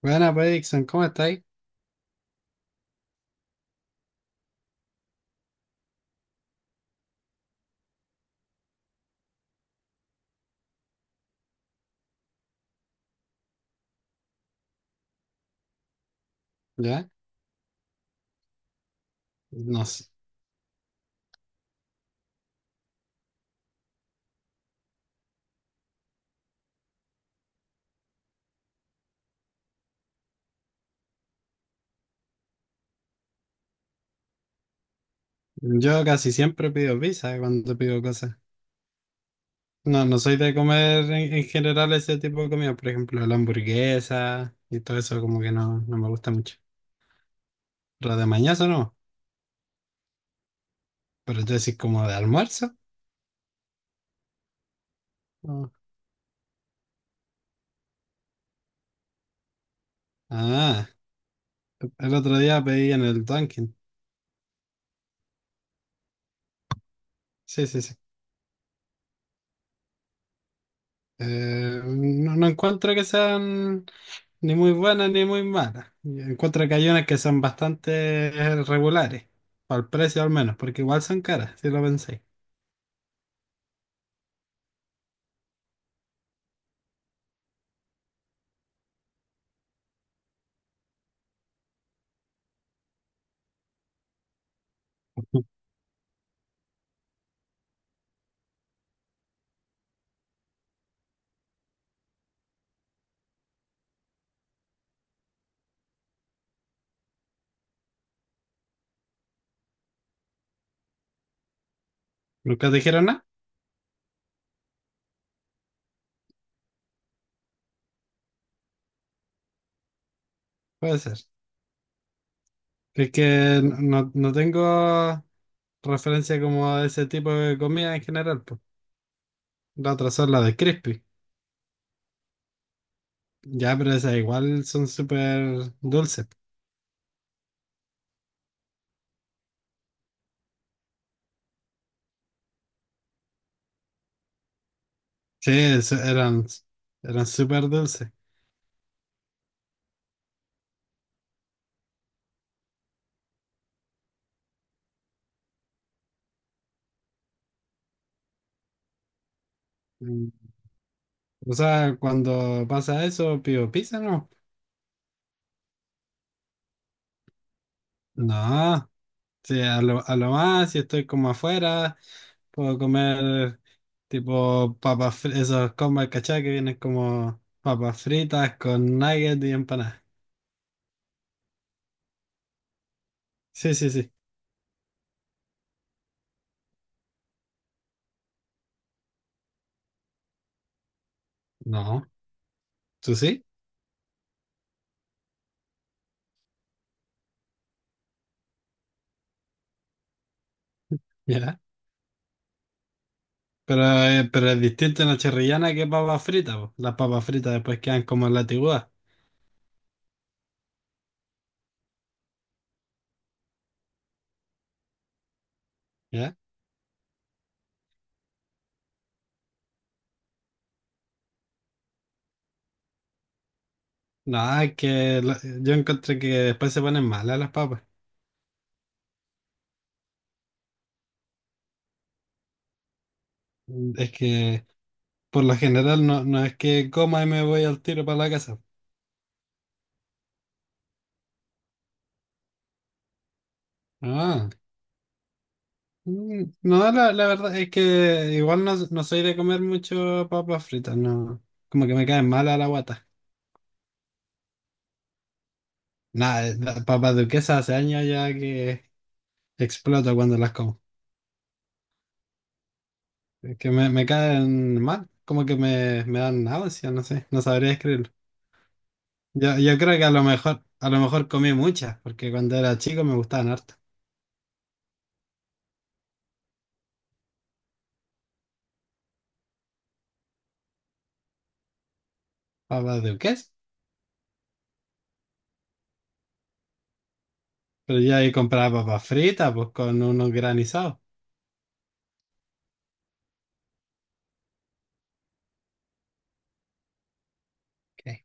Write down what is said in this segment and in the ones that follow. Buena, pues, Dixon, ¿cómo estáis? ¿Ya? No sé. Yo casi siempre pido pizza, cuando pido cosas. No, no soy de comer en general ese tipo de comida. Por ejemplo, la hamburguesa y todo eso como que no me gusta mucho. Pero de mañana no. Pero yo decís como de almuerzo. No. Ah, el otro día pedí en el Dunkin'. Sí, sí, sí. No, no encuentro que sean ni muy buenas ni muy malas. Yo encuentro que hay unas que son bastante regulares, para el precio al menos, porque igual son caras, si lo pensáis. ¿Nunca te dijeron nada? Puede ser. Es que no, no tengo referencia como a ese tipo de comida en general, pues. La otra son las de crispy. Ya, pero esas igual son súper dulces. Sí, eran, eran súper dulces. Mm. O sea, cuando pasa eso, pido pizza, ¿no? No. Sí, a lo más, si estoy como afuera, puedo comer tipo papas, esos combos, ¿cachai? Que vienen como papas fritas con nuggets y empanadas. Sí, sí, sí. No, tú sí, ya. Pero, pero es distinto en la chorrillana que papas fritas, po. Las papas fritas después quedan como en la tiguada, ¿ya? No, es que yo encontré que después se ponen malas las papas. Es que por lo general no, no es que coma y me voy al tiro para la casa. Ah. Mm, no, la verdad es que igual no, no soy de comer mucho papas fritas, no. Como que me caen mal a la guata. Nada, las papas duquesas hace años ya que exploto cuando las como. Es que me caen mal, como que me dan náuseas, no sé, no sabría escribirlo. Yo creo que a lo mejor comí muchas, porque cuando era chico me gustaban harto papas duquesas. Pero ya ahí compraba papas fritas, pues con unos granizados. Ok.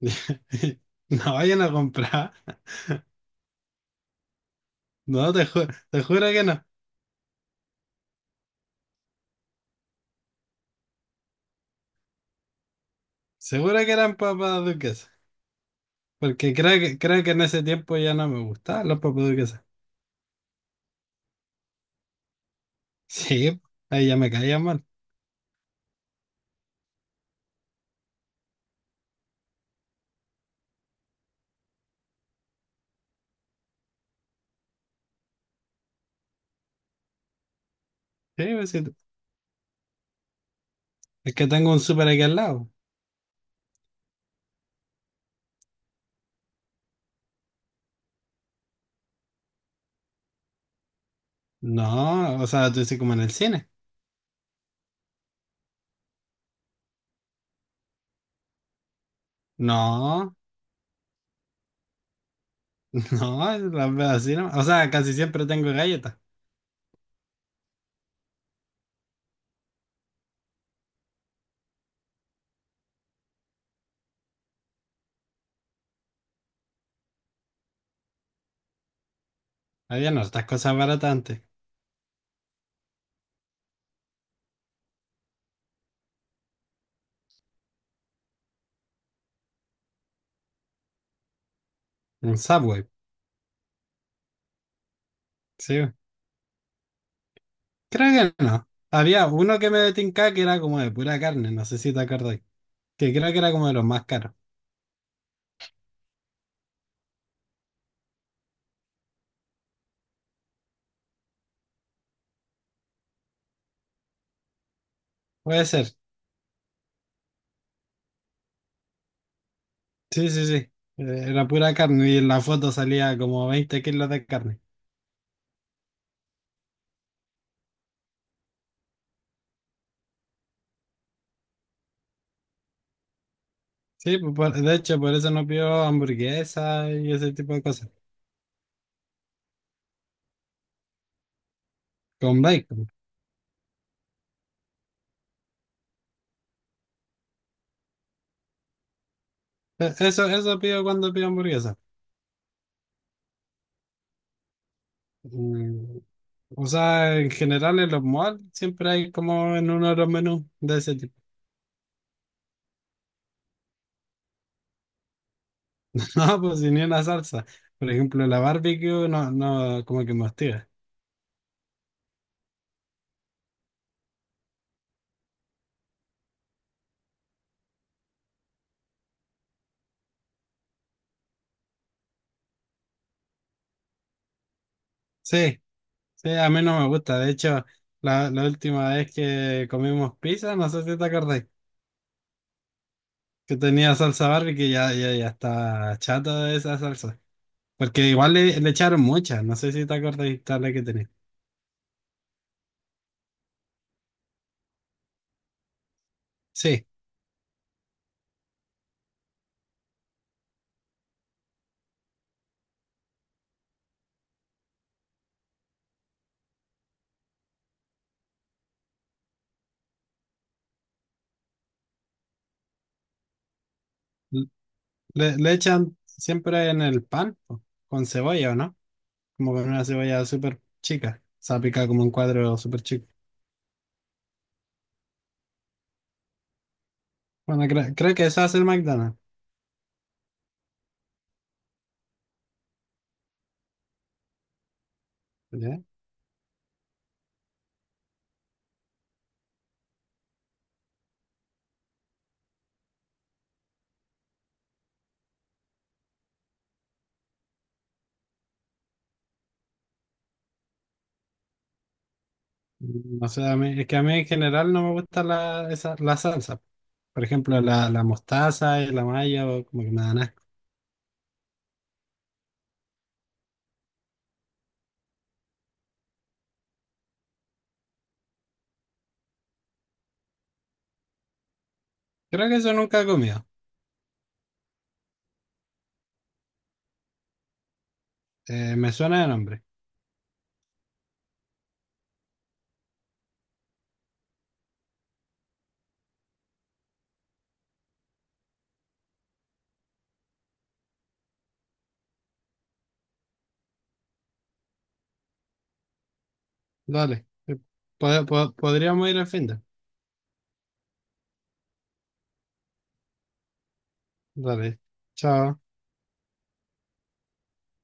No, vayan a comprar. No, te juro que no. Seguro que eran papas duquesas. Porque creo que en ese tiempo ya no me gustaban las papas duquesas. Sí, ahí ya me caían mal. Sí, pues sí, es que tengo un súper aquí al lado. No, o sea, tú dices como en el cine. No, no, las veo así, ¿no? O sea, casi siempre tengo galletas. Había no estas cosas baratas antes. Un Subway, sí. Creo que no. Había uno que me tincaba que era como de pura carne, no sé si te acordás. Que creo que era como de los más caros. Puede ser. Sí, sí, sí. Era pura carne y en la foto salía como 20 kilos de carne. Sí, pues, de hecho, por eso no pido hamburguesa y ese tipo de cosas. Con bacon. Eso, eso pido cuando pido hamburguesa. Mm, o sea, en general en los malls siempre hay como en uno de los menús de ese tipo. No, pues sin ni una salsa. Por ejemplo, la barbecue no, no, como que me hostiga. Sí, sí, a mí no me gusta. De hecho, la última vez que comimos pizza, no sé si te acordás. Que tenía salsa Barbie que ya está chata de esa salsa. Porque igual le echaron mucha, no sé si te acuerdas de la que tenía. Sí, le echan siempre en el pan, po, con cebolla, ¿o no? Como con una cebolla súper chica, se pica como un cuadro súper chico. Bueno, creo que eso hace el McDonald's, ¿ya? Mm, no sé, es que a mí en general no me gusta la, esa, la salsa. Por ejemplo, la mostaza y la mayo, como que me dan asco. Creo que eso nunca he comido. Me suena de nombre. Dale. Podríamos ir al fin de. Dale. Chao.